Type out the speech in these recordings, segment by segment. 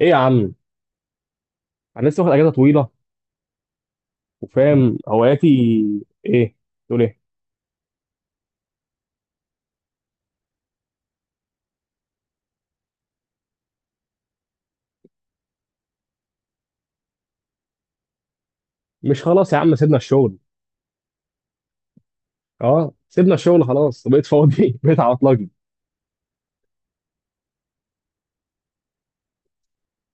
ايه يا عم. انا لسه واخد اجازه طويله وفاهم هواياتي. ايه؟ تقول ايه؟ مش خلاص يا عم سيبنا الشغل. اه سيبنا الشغل خلاص وبقيت فاضي بقيت على اطلاقي.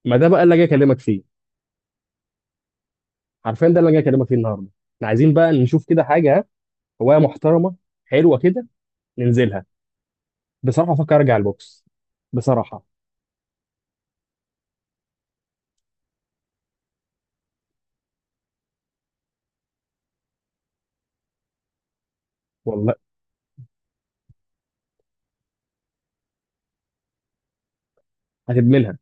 ما ده بقى اللي جاي اكلمك فيه، حرفيا ده اللي جاي اكلمك فيه النهارده. احنا عايزين بقى نشوف كده حاجه ها، هوايه محترمه، حلوه كده، ننزلها. بصراحه افكر ارجع البوكس، بصراحه. والله هتدمنها.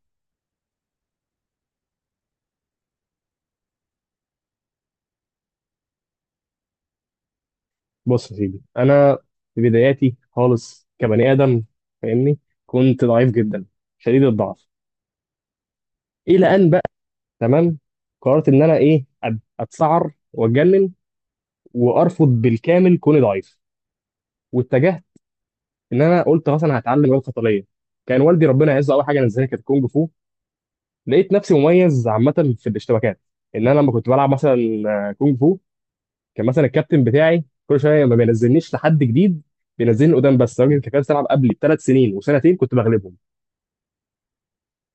بص يا سيدي، انا في بداياتي خالص كبني ادم، فاهمني، كنت ضعيف جدا، شديد الضعف، الى ان بقى، تمام، قررت ان انا اتسعر واتجنن وارفض بالكامل كوني ضعيف، واتجهت. ان انا قلت خلاص انا هتعلم رياضه قتاليه. كان والدي ربنا يعزه اول حاجه نزلها كانت كونج فو. لقيت نفسي مميز عامه في الاشتباكات، ان انا لما كنت بلعب مثلا آه، كونج فو، كان مثلا الكابتن بتاعي كل شويه ما بينزلنيش لحد جديد، بينزلني قدام بس الراجل اللي كان بيلعب قبلي بثلاث سنين وسنتين كنت بغلبهم.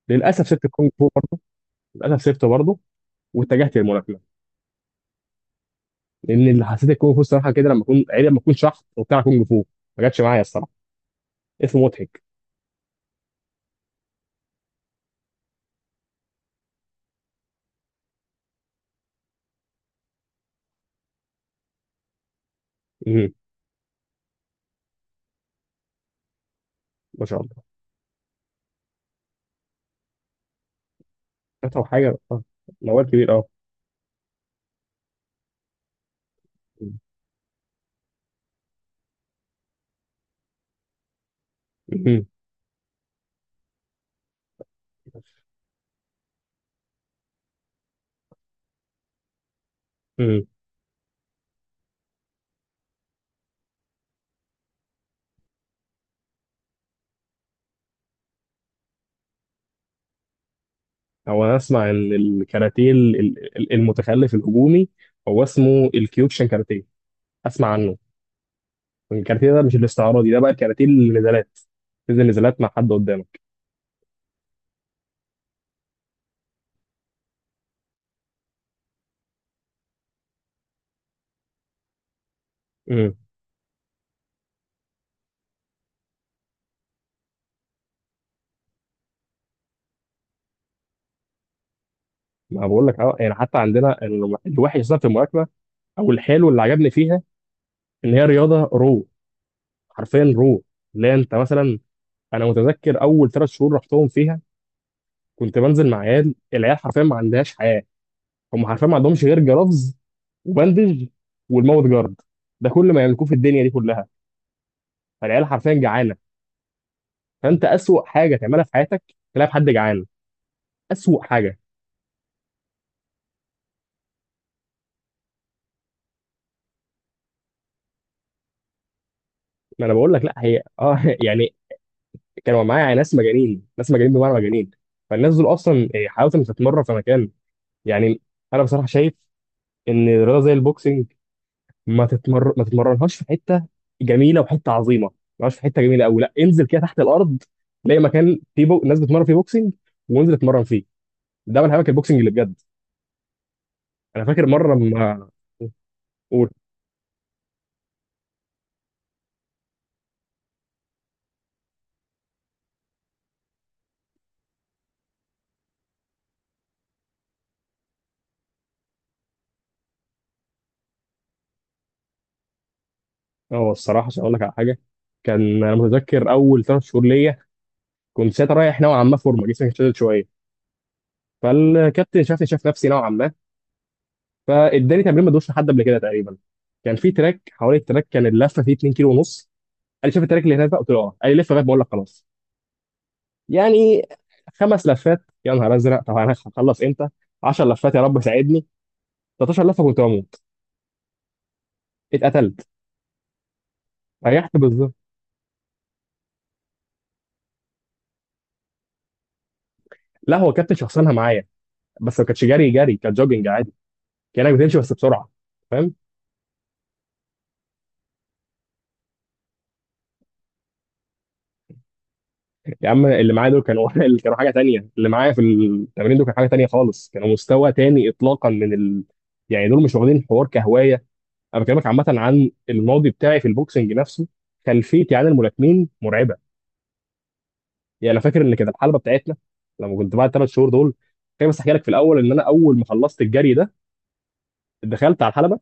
للاسف سبت الكونج فو برضه- للاسف سبته برضه واتجهت للملاكمه، لان اللي حسيت الكونغ فو الصراحه كده لما اكون عيب، لما اكون شحط وبتاع كونغ فو ما جاتش معايا الصراحه. اسمه مضحك. مهم. ما شاء الله. أتعب حاجه آه. موال كبير اه. مهم. مهم. هو انا اسمع ان الكاراتيه المتخلف الهجومي، هو اسمه الكيوكشن كاراتيه، اسمع عنه. الكاراتيه ده مش الاستعراضي ده، بقى الكاراتيه النزالات، تنزل نزالات مع حد قدامك. امم. ما بقول لك اه، يعني حتى عندنا الوحش اصلا في الملاكمه، او الحلو اللي عجبني فيها ان هي رياضه رو، حرفيا روح. لا انت مثلا، انا متذكر اول 3 شهور رحتهم فيها، كنت بنزل مع عيال، العيال حرفيا ما عندهاش حياه. هم حرفيا ما عندهمش غير جرافز وبندج والماوث جارد، ده كل ما يملكوه في الدنيا دي كلها. فالعيال حرفيا جعانه. فانت اسوأ حاجه تعملها في حياتك تلاقي حد جعان، اسوأ حاجه. ما انا بقول لك لا هي اه يعني كانوا معايا ناس مجانين، ناس مجانين بمعنى مجانين. فالناس دول اصلا إيه، حاولت ان تتمرن في مكان، يعني انا بصراحه شايف ان رياضه زي البوكسنج ما تتمرنهاش في حته جميله وحته عظيمه، ما تتمرنهاش في حته جميله قوي، لا انزل كده تحت الارض، تلاقي مكان فيه ناس بتتمرن فيه بوكسنج، وانزل اتمرن فيه، ده من هواك البوكسنج اللي بجد. انا فاكر مره ما، قول. اه الصراحه عشان اقول لك على حاجه، كان انا متذكر اول ثلاث شهور ليا، كنت ساعتها رايح نوعا ما، فورمه جسمي كان شادد شويه، فالكابتن شافني، شاف نفسي نوعا ما، فاداني تمرين ما دوش لحد قبل كده تقريبا. كان في تراك، حوالي التراك كان اللفه فيه 2 كيلو ونص. قال لي شاف التراك اللي هناك، بقى قلت له اه، قال لي لف لغايه ما اقول لك خلاص. يعني 5 لفات يا نهار ازرق، طب انا هخلص امتى؟ 10 لفات يا رب ساعدني، 13 لفه كنت بموت، اتقتلت، ريحت بالظبط. لا هو كابتن شخصنها معايا. بس ما كانتش جري جري، كانت جوجنج عادي، كانك بتمشي بس بسرعه، فاهم؟ يا عم اللي معايا دول كانوا اللي كانوا حاجه تانية، اللي معايا في التمرين دول كان حاجه تانية خالص، كانوا مستوى تاني اطلاقا من ال... يعني دول مش واخدين الحوار كهوايه. انا بكلمك عامه عن الماضي بتاعي في البوكسنج نفسه. خلفيتي عن الملاكمين مرعبه. يعني انا فاكر ان كانت الحلبه بتاعتنا لما كنت بعد الـ3 شهور دول، كان بس احكي لك في الاول ان انا اول ما خلصت الجري ده دخلت على الحلبه،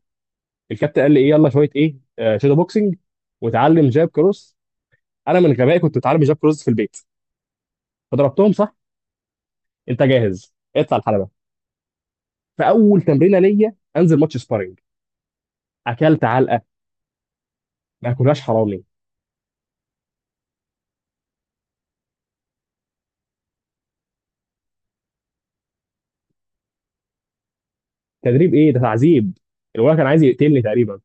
الكابتن قال لي ايه يلا شويه ايه آه شادو بوكسنج وتعلم جاب كروس. انا من غبائي كنت اتعلم جاب كروس في البيت فضربتهم صح. انت جاهز اطلع الحلبه. فاول تمرينه ليا انزل ماتش سبارنج، اكلت علقه ما كلهاش حرامي. تدريب ايه ده، تعذيب. الولد كان عايز يقتلني تقريبا.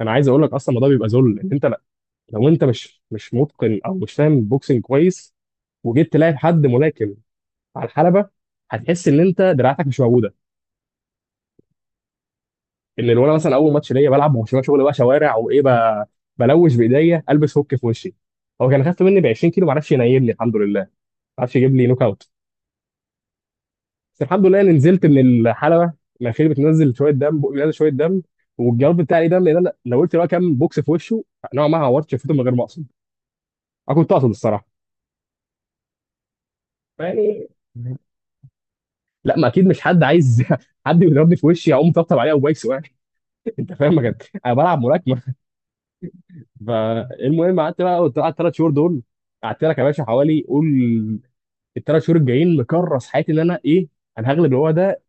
انا عايز اقول لك اصلا الموضوع بيبقى ذل ان انت لا- لو انت مش متقن او مش فاهم بوكسنج كويس وجيت تلاعب حد ملاكم على الحلبه، هتحس ان انت دراعتك مش موجوده. ان لو انا مثلا اول ماتش ليا بلعب ما هوش شغل بقى شوارع وايه بلوش بايديا البس هوك في وشي، هو كان خف مني ب 20 كيلو ما عرفش ينيلني الحمد لله، ما عرفش يجيب لي نوك اوت. بس الحمد لله اني نزلت من الحلبه الاخير بتنزل شويه دم، بقي بينزل شويه دم. والجواب بتاعي ليه دم لان انا لو قلت بقى كام بوكس في وشه، نوعا ما عورت شفته من غير ما اقصد، انا كنت اقصد الصراحه، يعني لا ما اكيد مش حد عايز حد يضربني في وشي اقوم طبطب عليه او بايسه يعني. انت فاهم ما كان- انا بلعب ملاكمه. فالمهم قعدت بقى، قلت قعدت 3 شهور دول، قعدت لك يا باشا حوالي قول الـ3 شهور الجايين مكرس حياتي ان انا ايه، انا هغلب الوضع ده،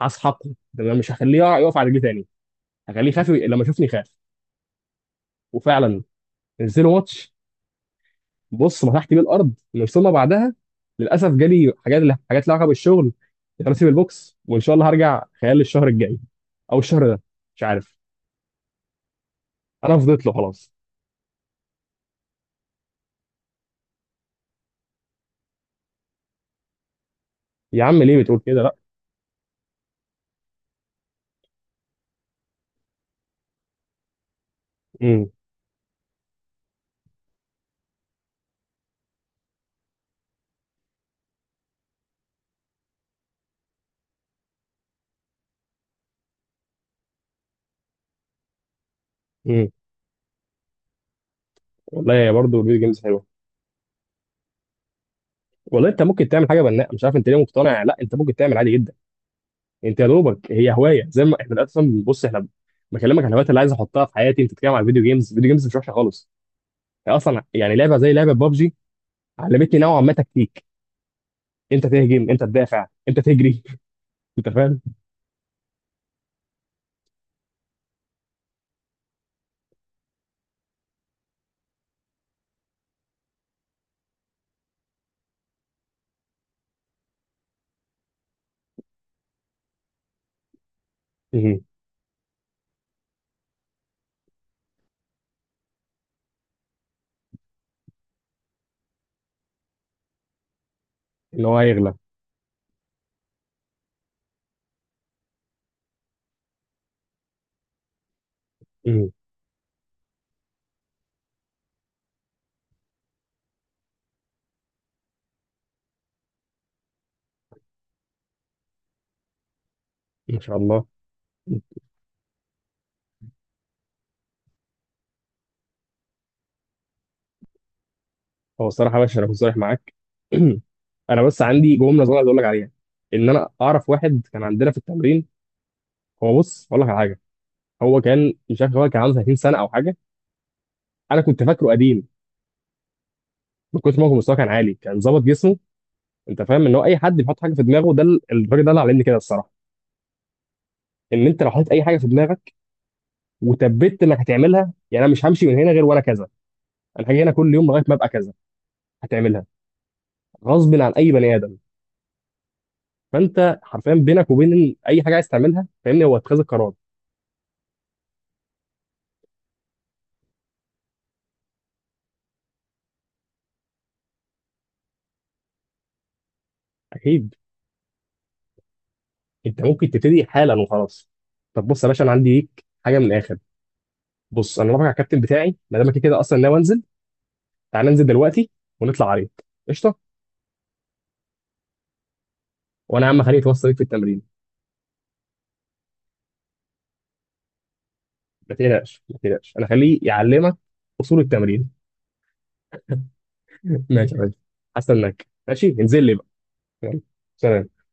هسحقه، ده انا مش هخليه يقف على رجليه تاني، هخليه يخاف لما يشوفني، يخاف. وفعلا نزلوا ماتش، بص مسحت بيه الارض من ثم بعدها. للاسف جالي حاجات، حاجات لها علاقه بالشغل، انا سيب البوكس، وان شاء الله هرجع خلال الشهر الجاي او الشهر ده، مش عارف. انا فضيت له خلاص. يا عم ليه بتقول كده؟ لا. امم. امم. والله برضه الفيديو جيمز حلوه. والله انت ممكن تعمل حاجه بناءه، مش عارف انت ليه مقتنع لا، انت ممكن تعمل عادي جدا. انت يا دوبك هي هوايه زي ما احنا اصلا، بص احنا بكلمك عن الهوايات اللي عايز احطها في حياتي، انت بتتكلم عن الفيديو جيمز، الفيديو جيمز مش وحشه خالص. هي اصلا يعني لعبه زي لعبه بابجي علمتني نوعا ما تكتيك، انت تهجم انت تدافع انت تجري. انت فاهم؟ مهم. ان هو هيغلب. مهم. ما شاء الله. هو الصراحه يا باشا انا كنت صريح معاك. انا بس عندي جمله صغيره عايز اقول لك عليها، ان انا اعرف واحد كان عندنا في التمرين، هو بص اقول لك على حاجه، هو كان مش عارف، هو كان عنده 30 سنه او حاجه، انا كنت فاكره قديم. من كتر ما هو مستواه كان عالي، كان ظابط جسمه. انت فاهم ان هو اي حد بيحط حاجه في دماغه، ده الراجل ده اللي علمني كده الصراحه، ان انت لو حطيت اي حاجه في دماغك وثبت انك هتعملها، يعني انا مش همشي من هنا غير وانا كذا، انا هاجي هنا كل يوم لغايه ما ابقى كذا، هتعملها غصب عن اي بني ادم. فانت حرفيا بينك وبين اي حاجه عايز تعملها فاهمني، هو اتخاذ القرار. اكيد، انت ممكن تبتدي حالا وخلاص. طب بص يا باشا، انا عندي ليك حاجه من الاخر. بص انا رافع على الكابتن بتاعي، ما دام كده كده اصلا ناوي انزل، تعال ننزل دلوقتي ونطلع عريض، قشطه. وانا يا عم خليه يتوصل بيك في التمرين. ما تقلقش، ما تقلقش، انا خليه يعلمك اصول التمرين. ماشي يا باشا، حاسس انك ماشي، انزل لي بقى، يلا. سلام.